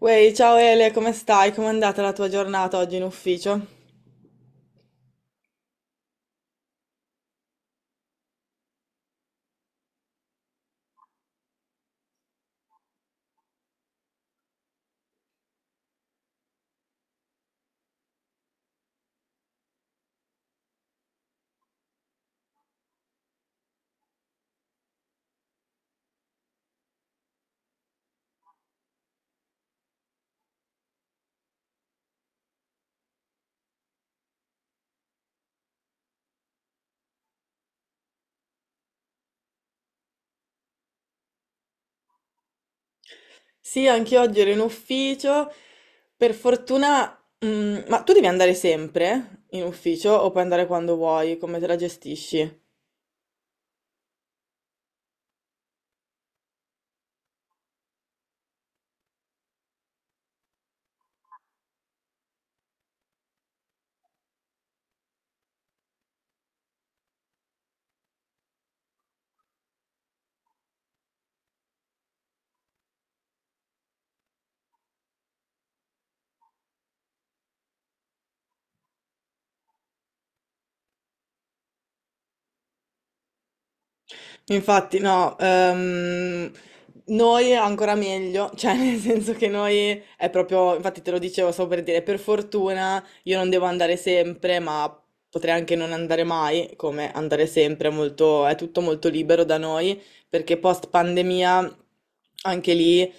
Uè, ciao Ele, come stai? Com'è andata la tua giornata oggi in ufficio? Sì, anche oggi ero in ufficio. Per fortuna, mm, ma tu devi andare sempre in ufficio o puoi andare quando vuoi? Come te la gestisci? Infatti, no, noi ancora meglio, cioè nel senso che noi è proprio, infatti te lo dicevo, stavo per dire, per fortuna io non devo andare sempre, ma potrei anche non andare mai, come andare sempre, è molto, è tutto molto libero da noi, perché post pandemia anche lì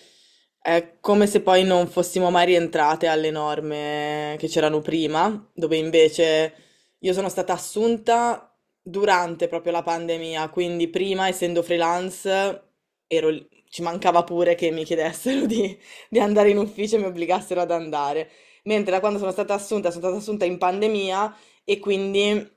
è come se poi non fossimo mai rientrate alle norme che c'erano prima, dove invece... Io sono stata assunta durante proprio la pandemia, quindi prima, essendo freelance, ero lì- ci mancava pure che mi chiedessero di andare in ufficio e mi obbligassero ad andare. Mentre da quando sono stata assunta in pandemia e quindi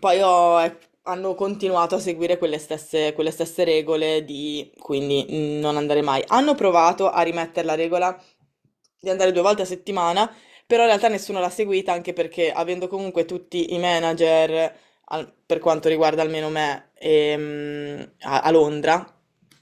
poi ho- hanno continuato a seguire quelle stesse regole di quindi mm, non andare mai. Hanno provato a rimettere la regola di andare 2 volte a settimana, però in realtà nessuno l'ha seguita anche perché avendo comunque tutti i manager, al- per quanto riguarda almeno me, a Londra,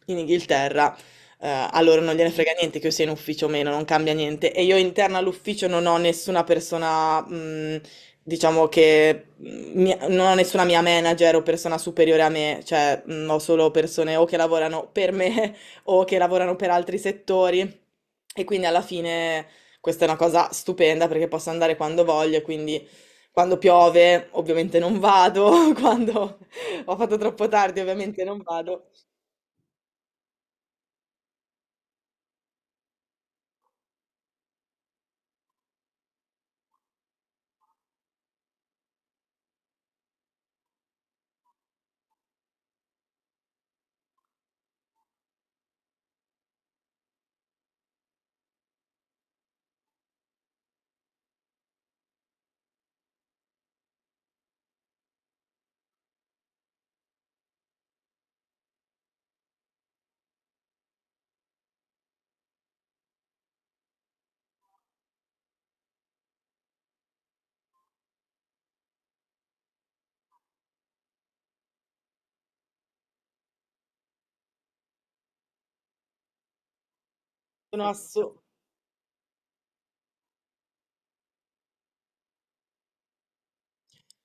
in Inghilterra, a loro non gliene frega niente che io sia in ufficio o meno, non cambia niente. E io interna all'ufficio non ho nessuna persona, diciamo che mia- non ho nessuna mia manager o persona superiore a me, cioè ho solo persone o che lavorano per me o che lavorano per altri settori. E quindi alla fine questa è una cosa stupenda perché posso andare quando voglio, quindi quando piove ovviamente non vado, quando ho fatto troppo tardi ovviamente non vado. Sono assolutamente...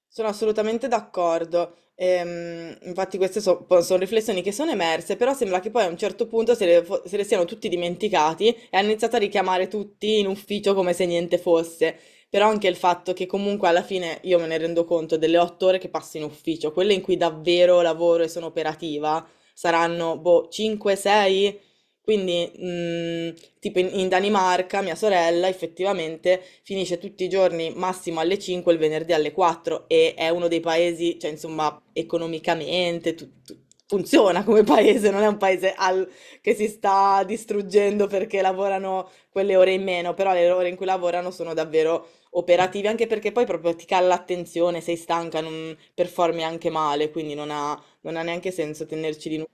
Sono assolutamente d'accordo. Infatti queste so- po- sono riflessioni che sono emerse, però sembra che poi a un certo punto se le, fo- se le siano tutti dimenticati e hanno iniziato a richiamare tutti in ufficio come se niente fosse. Però anche il fatto che comunque alla fine io me ne rendo conto delle 8 ore che passo in ufficio, quelle in cui davvero lavoro e sono operativa, saranno boh, 5-6, quindi, tipo in, in Danimarca, mia sorella effettivamente finisce tutti i giorni massimo alle 5, il venerdì alle 4 e è uno dei paesi, cioè insomma, economicamente tu- tu- funziona come paese, non è un paese al- che si sta distruggendo perché lavorano quelle ore in meno, però le ore in cui lavorano sono davvero operativi, anche perché poi proprio ti cala l'attenzione, sei stanca, non performi anche male, quindi non ha neanche senso tenerci di nuovo.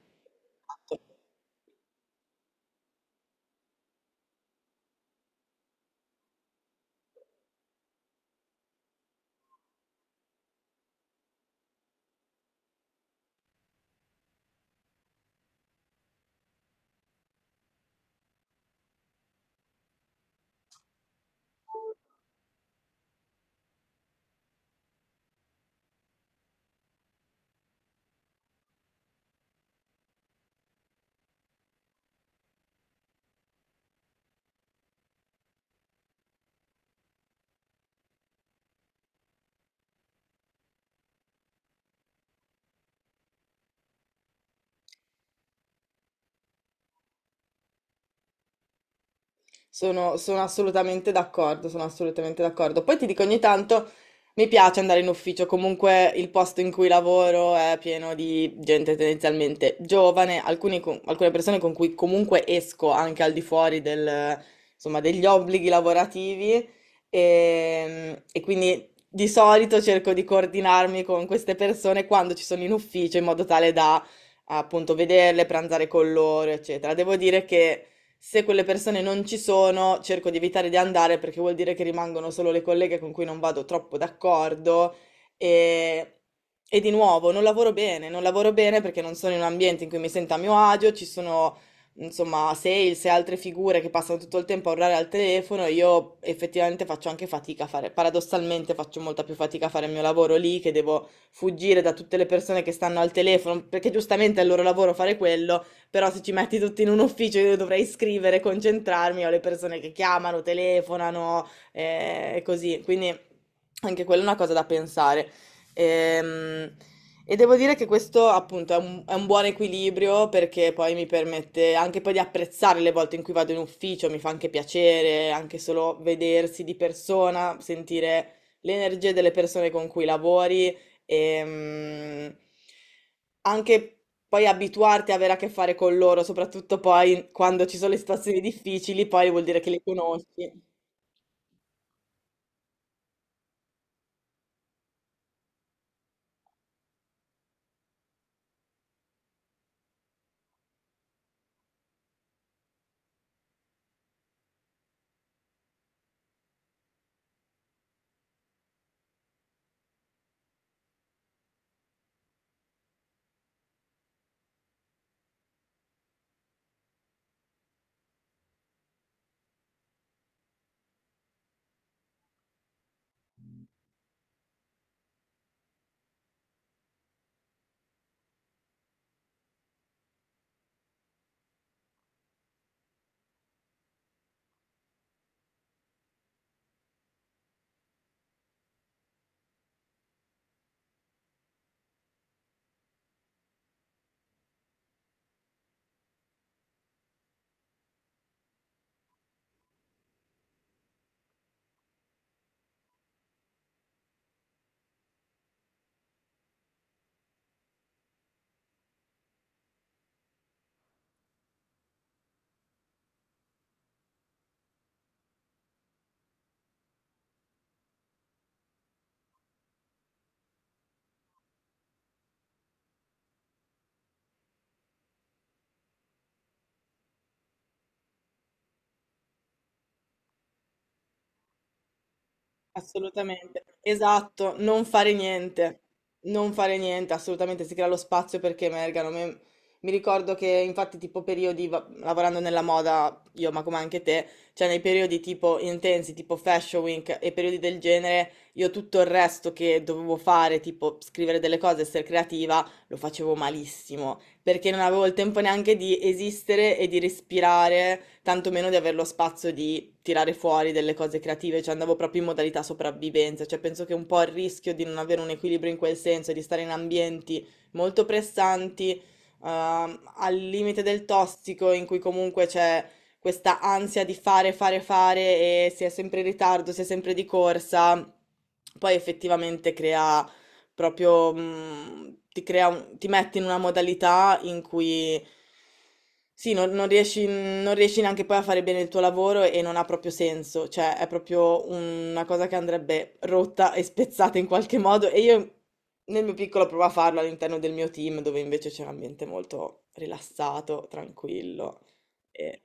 Sono assolutamente d'accordo, sono assolutamente d'accordo. Poi ti dico, ogni tanto mi piace andare in ufficio, comunque il posto in cui lavoro è pieno di gente tendenzialmente giovane, alcuni con- alcune persone con cui comunque esco anche al di fuori del, insomma, degli obblighi lavorativi e quindi di solito cerco di coordinarmi con queste persone quando ci sono in ufficio in modo tale da appunto vederle, pranzare con loro, eccetera. Devo dire che se quelle persone non ci sono, cerco di evitare di andare perché vuol dire che rimangono solo le colleghe con cui non vado troppo d'accordo e, e di nuovo non lavoro bene, non lavoro bene perché non sono in un ambiente in cui mi sento a mio agio, ci sono insomma sales e altre figure che passano tutto il tempo a urlare al telefono, io effettivamente faccio anche fatica a fare, paradossalmente faccio molta più fatica a fare il mio lavoro lì che devo fuggire da tutte le persone che stanno al telefono, perché giustamente è il loro lavoro fare quello però se ci metti tutti in un ufficio io dovrei scrivere, concentrarmi, ho le persone che chiamano, telefonano e così, quindi anche quella è una cosa da pensare. Ehm, devo dire che questo appunto è è un buon equilibrio perché poi mi permette anche poi di apprezzare le volte in cui vado in ufficio, mi fa anche piacere, anche solo vedersi di persona, sentire l'energia delle persone con cui lavori. Ehm, Anche poi abituarti a avere a che fare con loro, soprattutto poi quando ci sono le situazioni difficili, poi vuol dire che le conosci. Assolutamente, esatto, non fare niente, non fare niente, assolutamente si crea lo spazio perché emergano. Me- mi ricordo che infatti tipo periodi, va- lavorando nella moda, io ma come anche te, cioè nei periodi tipo intensi, tipo Fashion Week e periodi del genere, io tutto il resto che dovevo fare, tipo scrivere delle cose, essere creativa, lo facevo malissimo perché non avevo il tempo neanche di esistere e di respirare, tantomeno di avere lo spazio di tirare fuori delle cose creative, cioè andavo proprio in modalità sopravvivenza, cioè penso che un po' il rischio di non avere un equilibrio in quel senso e di stare in ambienti molto pressanti, al limite del tossico, in cui comunque c'è questa ansia di fare, fare, fare e si è sempre in ritardo, si è sempre di corsa, poi effettivamente crea. Proprio, mhmm, ti crea un ti mette in una modalità in cui sì, non riesci non riesci neanche poi a fare bene il tuo lavoro e non ha proprio senso, cioè è proprio una cosa che andrebbe rotta e spezzata in qualche modo e io nel mio piccolo provo a farlo all'interno del mio team, dove invece c'è un ambiente molto rilassato, tranquillo. E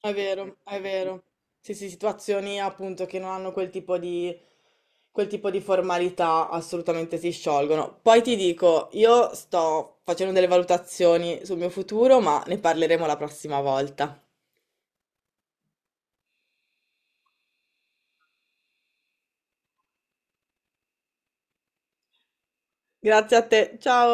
È vero, è vero. Sì, sì, situazioni appunto che non hanno quel tipo di formalità assolutamente si sciolgono. Poi ti dico, io sto facendo delle valutazioni sul mio futuro, ma ne parleremo la prossima volta. Grazie a te, ciao!